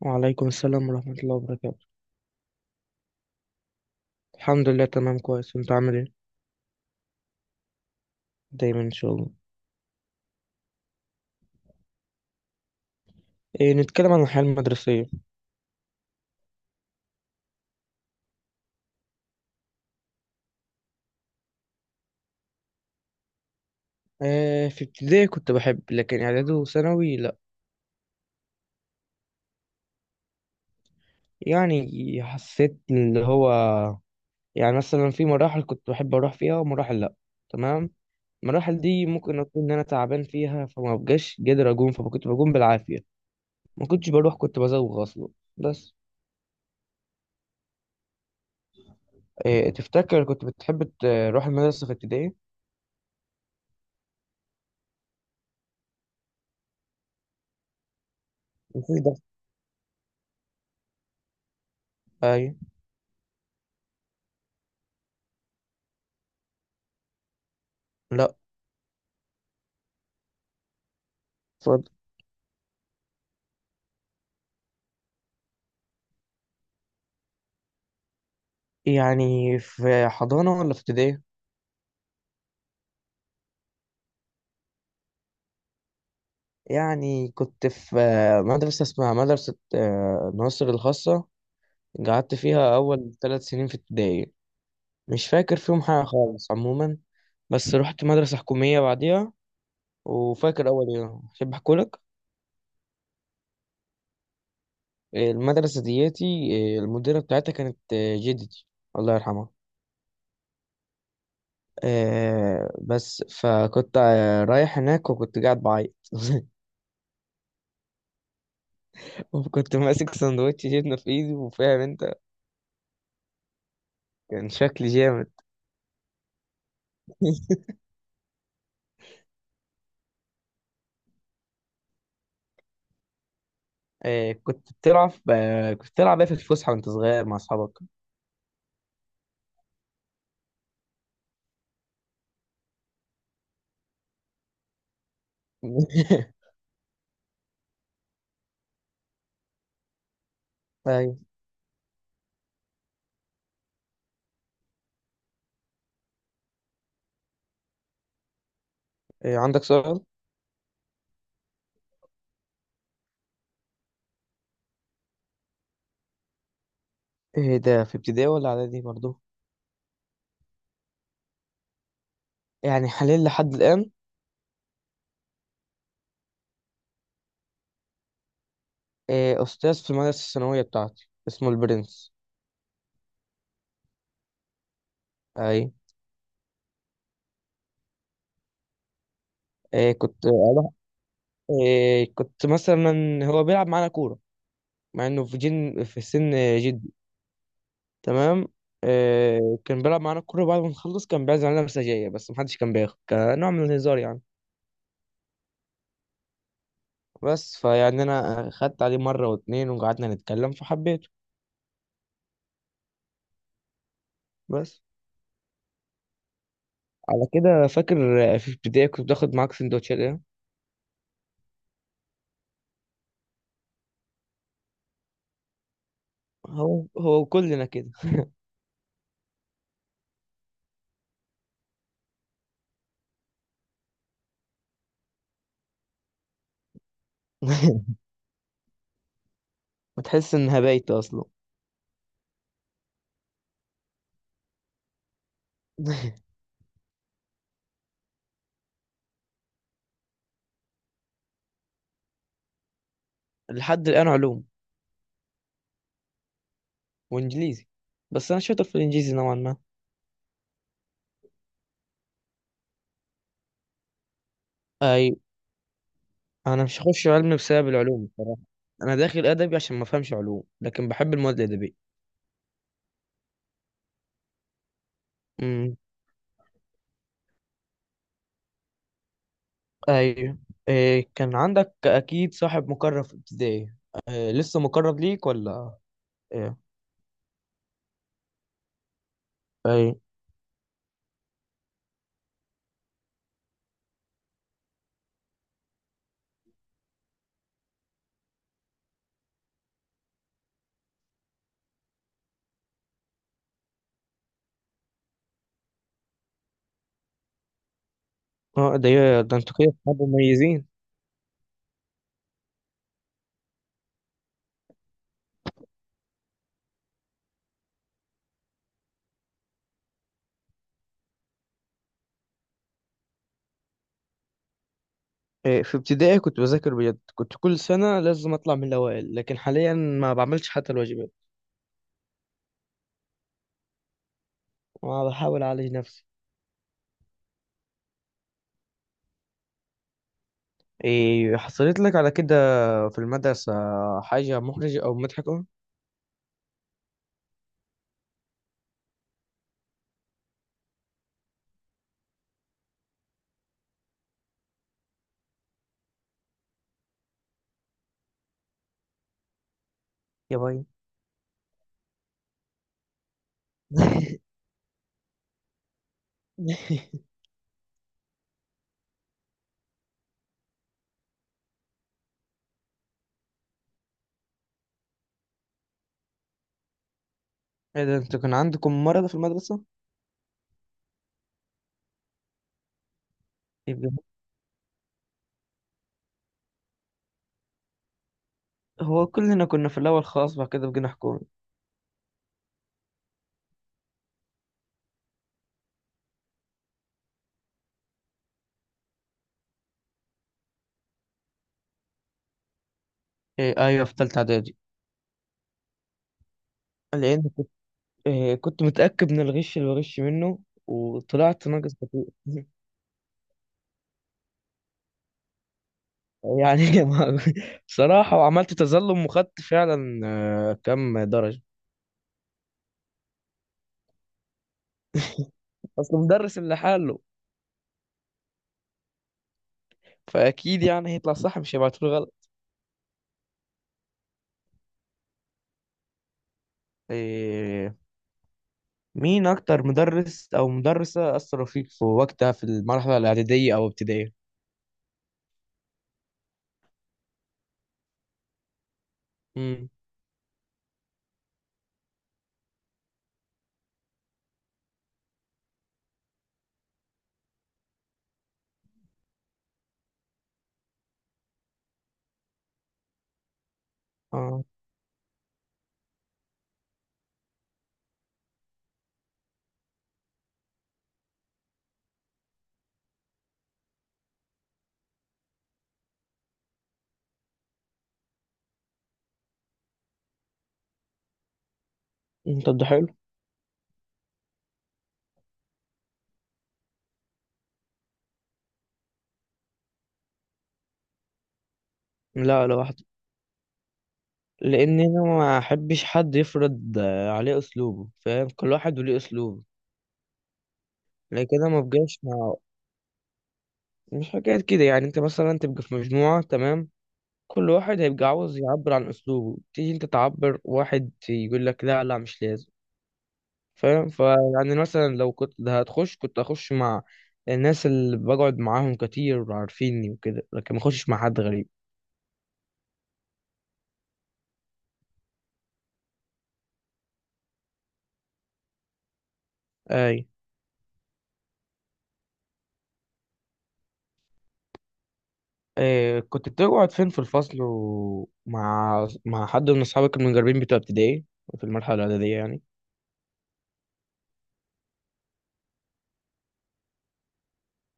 وعليكم السلام ورحمة الله وبركاته. الحمد لله، تمام، كويس. انت عامل ايه؟ دايما ان شاء الله. إيه، نتكلم عن الحياة المدرسية. إيه، في ابتدائي كنت بحب، لكن اعدادي وثانوي لا. يعني حسيت اللي هو يعني مثلا في مراحل كنت بحب اروح فيها ومراحل لا. تمام. المراحل دي ممكن اكون ان انا تعبان فيها، فما بقاش قادر اقوم، فكنت بقوم بالعافية. ما كنتش بروح، كنت بزوغ اصلا. بس. إيه، تفتكر كنت بتحب تروح المدرسة في ابتدائي؟ مفيش ضغط. ايوه. لا. اتفضل. يعني في حضانة ولا في ابتدائي؟ يعني كنت في مدرسة اسمها مدرسة ناصر الخاصة. قعدت فيها أول 3 سنين في ابتدائي. مش فاكر فيهم حاجة خالص عموما. بس رحت مدرسة حكومية بعديها. وفاكر أول يوم، أحب أحكولك. المدرسة دياتي، المديرة بتاعتها كانت جدتي، الله يرحمها. بس فكنت رايح هناك وكنت قاعد بعيط وكنت ماسك سندوتش جبنة في إيدي، وفاهم أنت، كان شكلي جامد. كنت بتلعب ايه في الفسحة وانت صغير مع اصحابك؟ ايوه. عندك سؤال؟ ايه ده، في ابتدائي ولا اعدادي برضو؟ يعني حاليا لحد الان. استاذ في المدرسة الثانوية بتاعتي اسمه البرنس. اي. آه، كنت اروح آه، كنت مثلا هو بيلعب معانا كورة، مع انه في سن جدي. تمام. كان بيلعب معانا كورة، بعد ما نخلص كان بيعزم علينا مساجية، بس محدش كان بياخد، كنوع من الهزار يعني. بس انا خدت عليه مره واتنين وقعدنا نتكلم فحبيته. بس. على كده فاكر؟ في ابتدائي كنت باخد معاك سندوتشات ايه؟ هو هو كلنا كده. وتحس ان هبايت اصلا. لحد الان علوم وانجليزي، بس انا شاطر في الانجليزي نوعا ما. اي. انا مش هخش علم بسبب العلوم بصراحه. انا داخل ادبي عشان ما افهمش علوم، لكن بحب المواد الادبيه. امم. ايوه. إيه، كان عندك اكيد صاحب مقرب في ابتدائي؟ إيه، لسه مقرب ليك ولا؟ إيه؟ اي. اه، ده انتوا كده اصحاب مميزين. إيه، في ابتدائي كنت بذاكر بجد، كنت كل سنة لازم اطلع من الاوائل، لكن حاليا ما بعملش حتى الواجبات. ما بحاول اعالج نفسي. إيه حصلت لك على كده في المدرسة حاجة محرجة او مضحكة؟ يا باي. ايه ده، انتوا كان عندكم مرض في المدرسة؟ يبقى هو كلنا كنا في الاول خاص، بعد كده بقينا حكومي. إيه، ايوه، في تالتة اعدادي. لان كنت، إيه، كنت متأكد من الغش اللي بغش منه، وطلعت ناقص كتير. يعني بصراحة، وعملت تظلم وخدت فعلا كم درجة. أصل مدرس اللي حاله، فأكيد يعني هيطلع صح، مش هيبعتوله غلط. إيه، مين أكتر مدرس أو مدرسة أثروا فيك في وقتها في المرحلة الإعدادية أو ابتدائية؟ امم. اه. أنت ده حلو. لا، لوحده. لأن أنا ما أحبش حد يفرض عليه أسلوبه، فاهم؟ كل واحد وليه أسلوبه. لكن كده ما بقاش مع، مش حكاية كده. يعني أنت مثلا تبقى في مجموعة، تمام، كل واحد هيبقى عاوز يعبر عن اسلوبه، تيجي انت تعبر، واحد يقول لك لا لا مش لازم. فاهم؟ مثلا لو كنت ده هتخش، كنت هخش مع الناس اللي بقعد معاهم كتير وعارفيني وكده، لكن ما اخشش مع حد غريب. اي. آه، كنت بتقعد فين في الفصل؟ ومع حد من اصحابك المجربين بتوع ابتدائي؟ في المرحله الاعداديه يعني.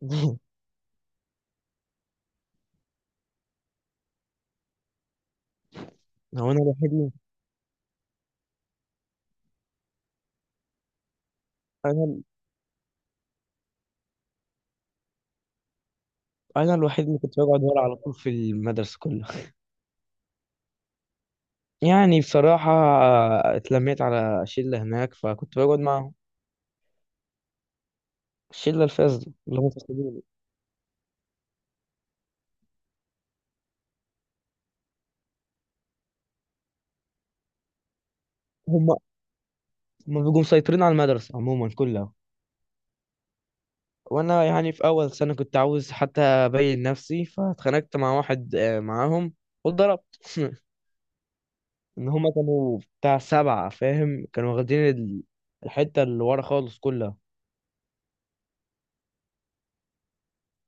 هو انا الوحيد اللي- انا انا الوحيد اللي كنت بقعد ورا على طول في المدرسه كلها. يعني بصراحة، اتلميت على شلة هناك فكنت بقعد معاهم. الشلة الفاسدة، اللي هم فاسدين. هم هم بيبقوا مسيطرين على المدرسة عموما كلها. وأنا يعني في أول سنة كنت عاوز حتى أبين نفسي، فاتخانقت مع واحد معاهم، واتضربت. إن هم كانوا بتاع 7، فاهم؟ كانوا واخدين الحتة اللي ورا خالص كلها.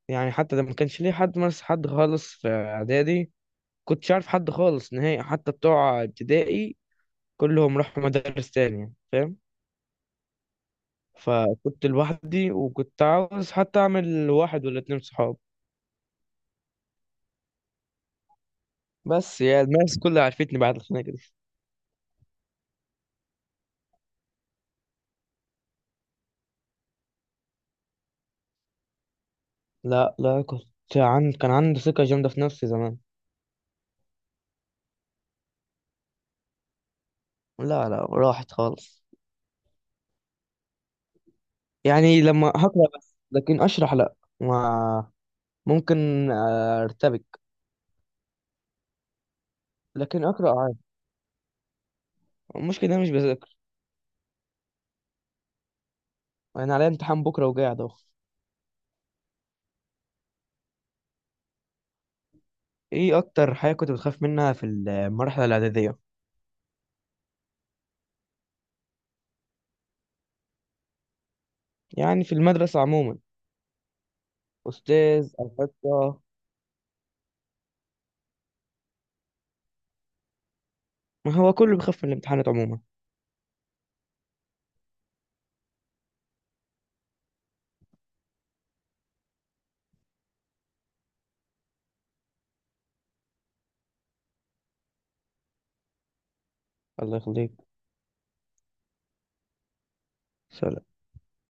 يعني حتى ده ما كانش ليه حد، مارس حد خالص في إعدادي. كنتش عارف حد خالص نهائي، حتى بتوع ابتدائي كلهم راحوا مدارس تانية، فاهم؟ فكنت لوحدي، وكنت عاوز حتى اعمل واحد ولا اتنين صحاب. بس يا الناس كلها عرفتني بعد الخناقة دي. لا لا، كنت، كان عندي ثقة جامدة في نفسي زمان. لا لا، راحت خالص. يعني لما هقرأ بس، لكن أشرح لا، ما، ممكن أرتبك. لكن أقرأ عادي. المشكلة إن أنا مش بذاكر. أنا عليا امتحان بكرة وقاعد أهو. إيه، أكتر حاجة كنت بتخاف منها في المرحلة الإعدادية؟ يعني في المدرسة عموما. أستاذ، أنشطة. ما هو كله بيخاف من الامتحانات عموما. الله يخليك. سلام.